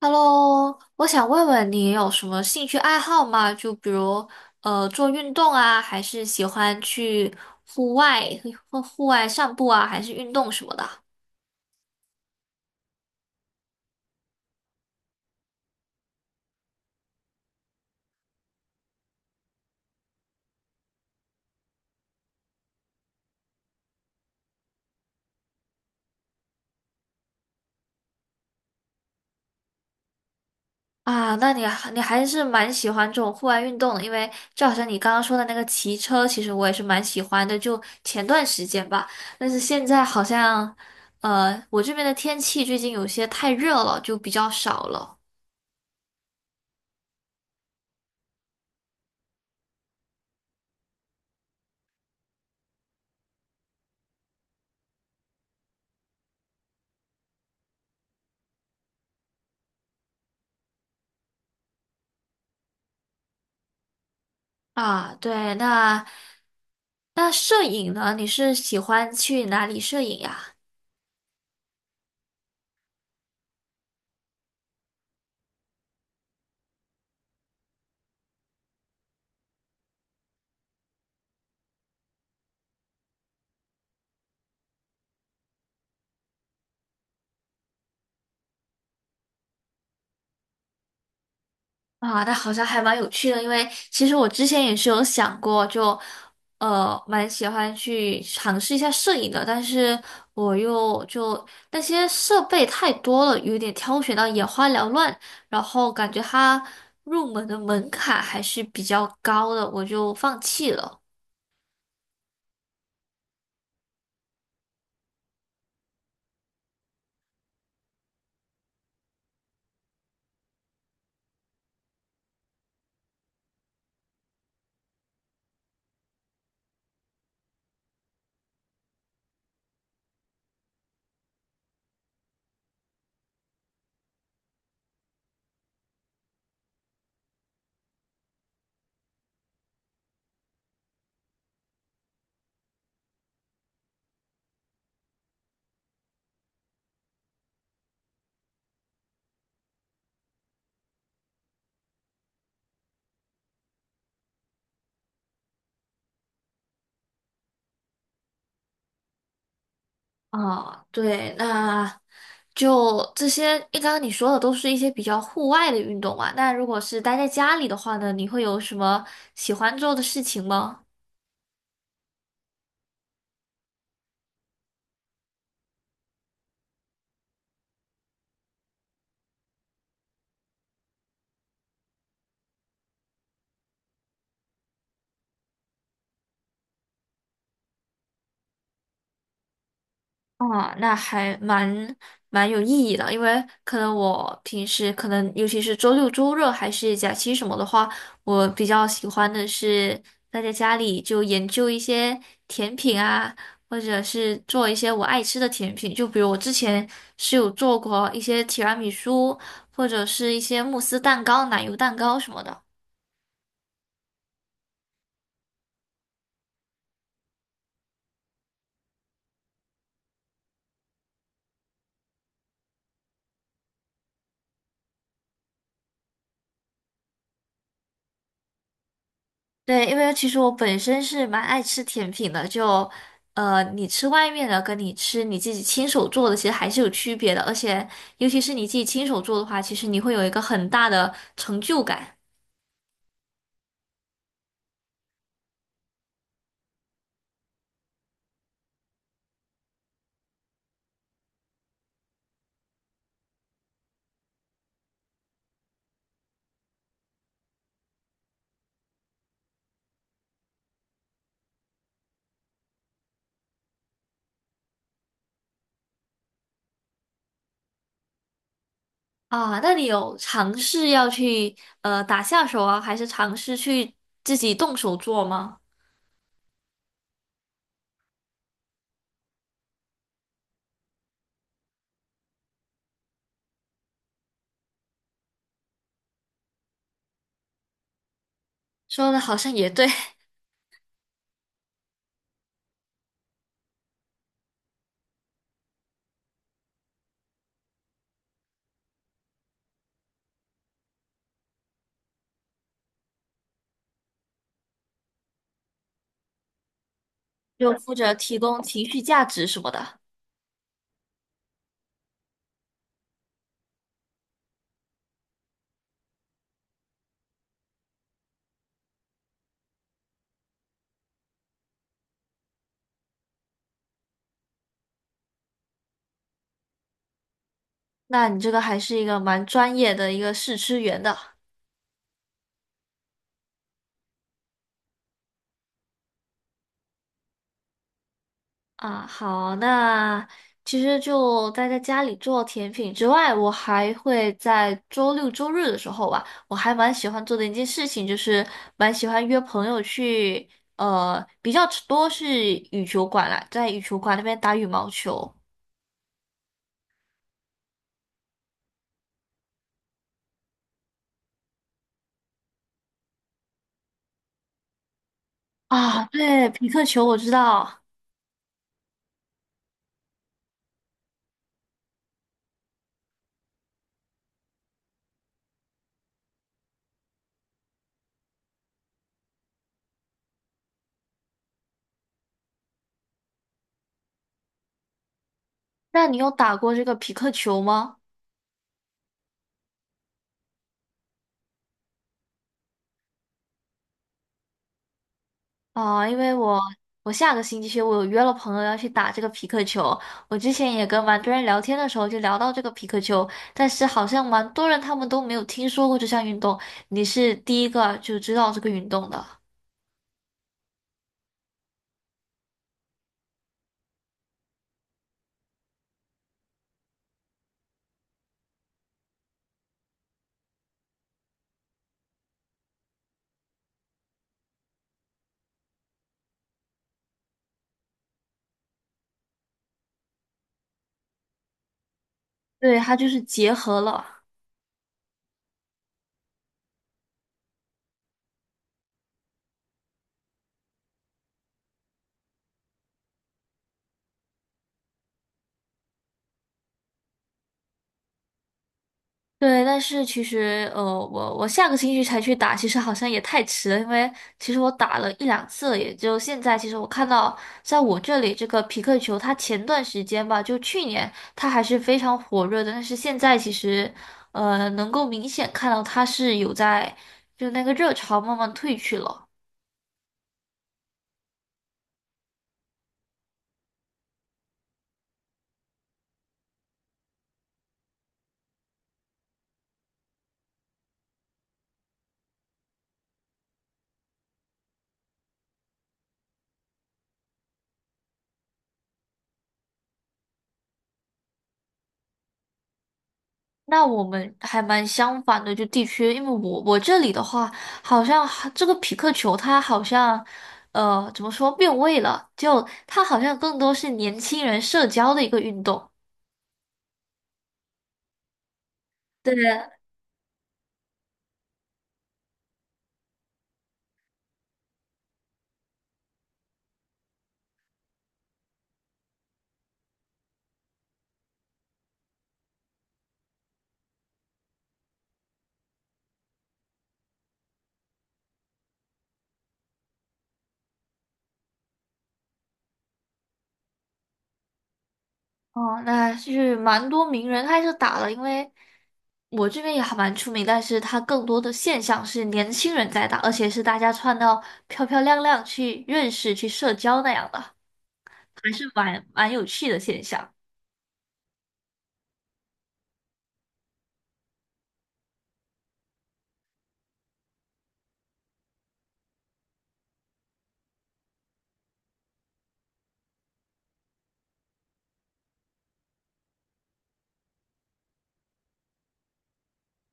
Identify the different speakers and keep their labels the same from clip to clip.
Speaker 1: Hello，我想问问你有什么兴趣爱好吗？就比如做运动啊，还是喜欢去户外户外散步啊，还是运动什么的？啊？那你还你还是蛮喜欢这种户外运动的，因为就好像你刚刚说的那个骑车，其实我也是蛮喜欢的，就前段时间吧。但是现在好像我这边的天气最近有些太热了，就比较少了。啊，对，那摄影呢？你是喜欢去哪里摄影呀？啊，那好像还蛮有趣的，因为其实我之前也是有想过就，蛮喜欢去尝试一下摄影的，但是我又就那些设备太多了，有点挑选到眼花缭乱，然后感觉它入门的门槛还是比较高的，我就放弃了。啊，对，那就这些。刚刚你说的都是一些比较户外的运动啊，那如果是待在家里的话呢，你会有什么喜欢做的事情吗？啊，那还蛮有意义的，因为可能我平时可能尤其是周六周日还是假期什么的话，我比较喜欢的是待在家里就研究一些甜品啊，或者是做一些我爱吃的甜品，就比如我之前是有做过一些提拉米苏，或者是一些慕斯蛋糕、奶油蛋糕什么的。对，因为其实我本身是蛮爱吃甜品的，就你吃外面的跟你吃你自己亲手做的，其实还是有区别的，而且尤其是你自己亲手做的话，其实你会有一个很大的成就感啊。那你有尝试要去打下手啊，还是尝试去自己动手做吗？说的好像也对，就负责提供情绪价值什么的，那你这个还是一个蛮专业的一个试吃员的。啊，好，那其实就待在家里做甜品之外，我还会在周六周日的时候吧，我还蛮喜欢做的一件事情，就是蛮喜欢约朋友去，比较多是羽球馆啦，在羽球馆那边打羽毛球。啊，对，匹克球我知道，那你有打过这个匹克球吗？哦，因为我下个星期我有约了朋友要去打这个皮克球，我之前也跟蛮多人聊天的时候就聊到这个皮克球，但是好像蛮多人他们都没有听说过这项运动，你是第一个就知道这个运动的。对，它就是结合了。对，但是其实，我下个星期才去打，其实好像也太迟了，因为其实我打了一两次了，也就现在。其实我看到，在我这里这个匹克球，它前段时间吧，就去年它还是非常火热的，但是现在其实，能够明显看到它是有在，就那个热潮慢慢退去了。那我们还蛮相反的，就地区，因为我这里的话，好像还这个匹克球它好像，怎么说变味了？就它好像更多是年轻人社交的一个运动。对，哦，那是蛮多名人开始打了，因为我这边也还蛮出名，但是它更多的现象是年轻人在打，而且是大家穿到漂漂亮亮去认识、去社交那样的，还是蛮有趣的现象。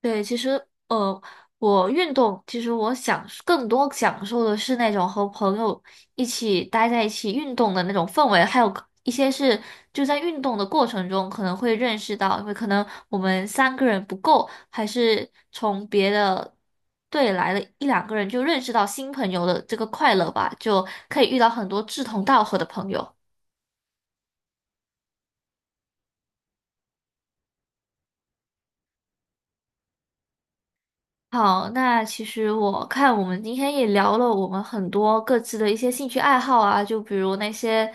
Speaker 1: 对，其实我运动，其实我更多享受的是那种和朋友一起待在一起运动的那种氛围，还有一些是就在运动的过程中可能会认识到，因为可能我们三个人不够，还是从别的队来了一两个人就认识到新朋友的这个快乐吧，就可以遇到很多志同道合的朋友。好，那其实我看我们今天也聊了我们很多各自的一些兴趣爱好啊，就比如那些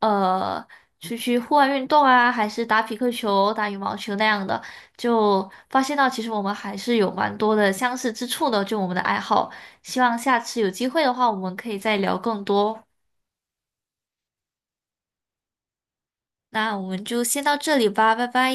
Speaker 1: 呃出去户外运动啊，还是打匹克球、打羽毛球那样的，就发现到其实我们还是有蛮多的相似之处的，就我们的爱好。希望下次有机会的话，我们可以再聊更多。那我们就先到这里吧，拜拜。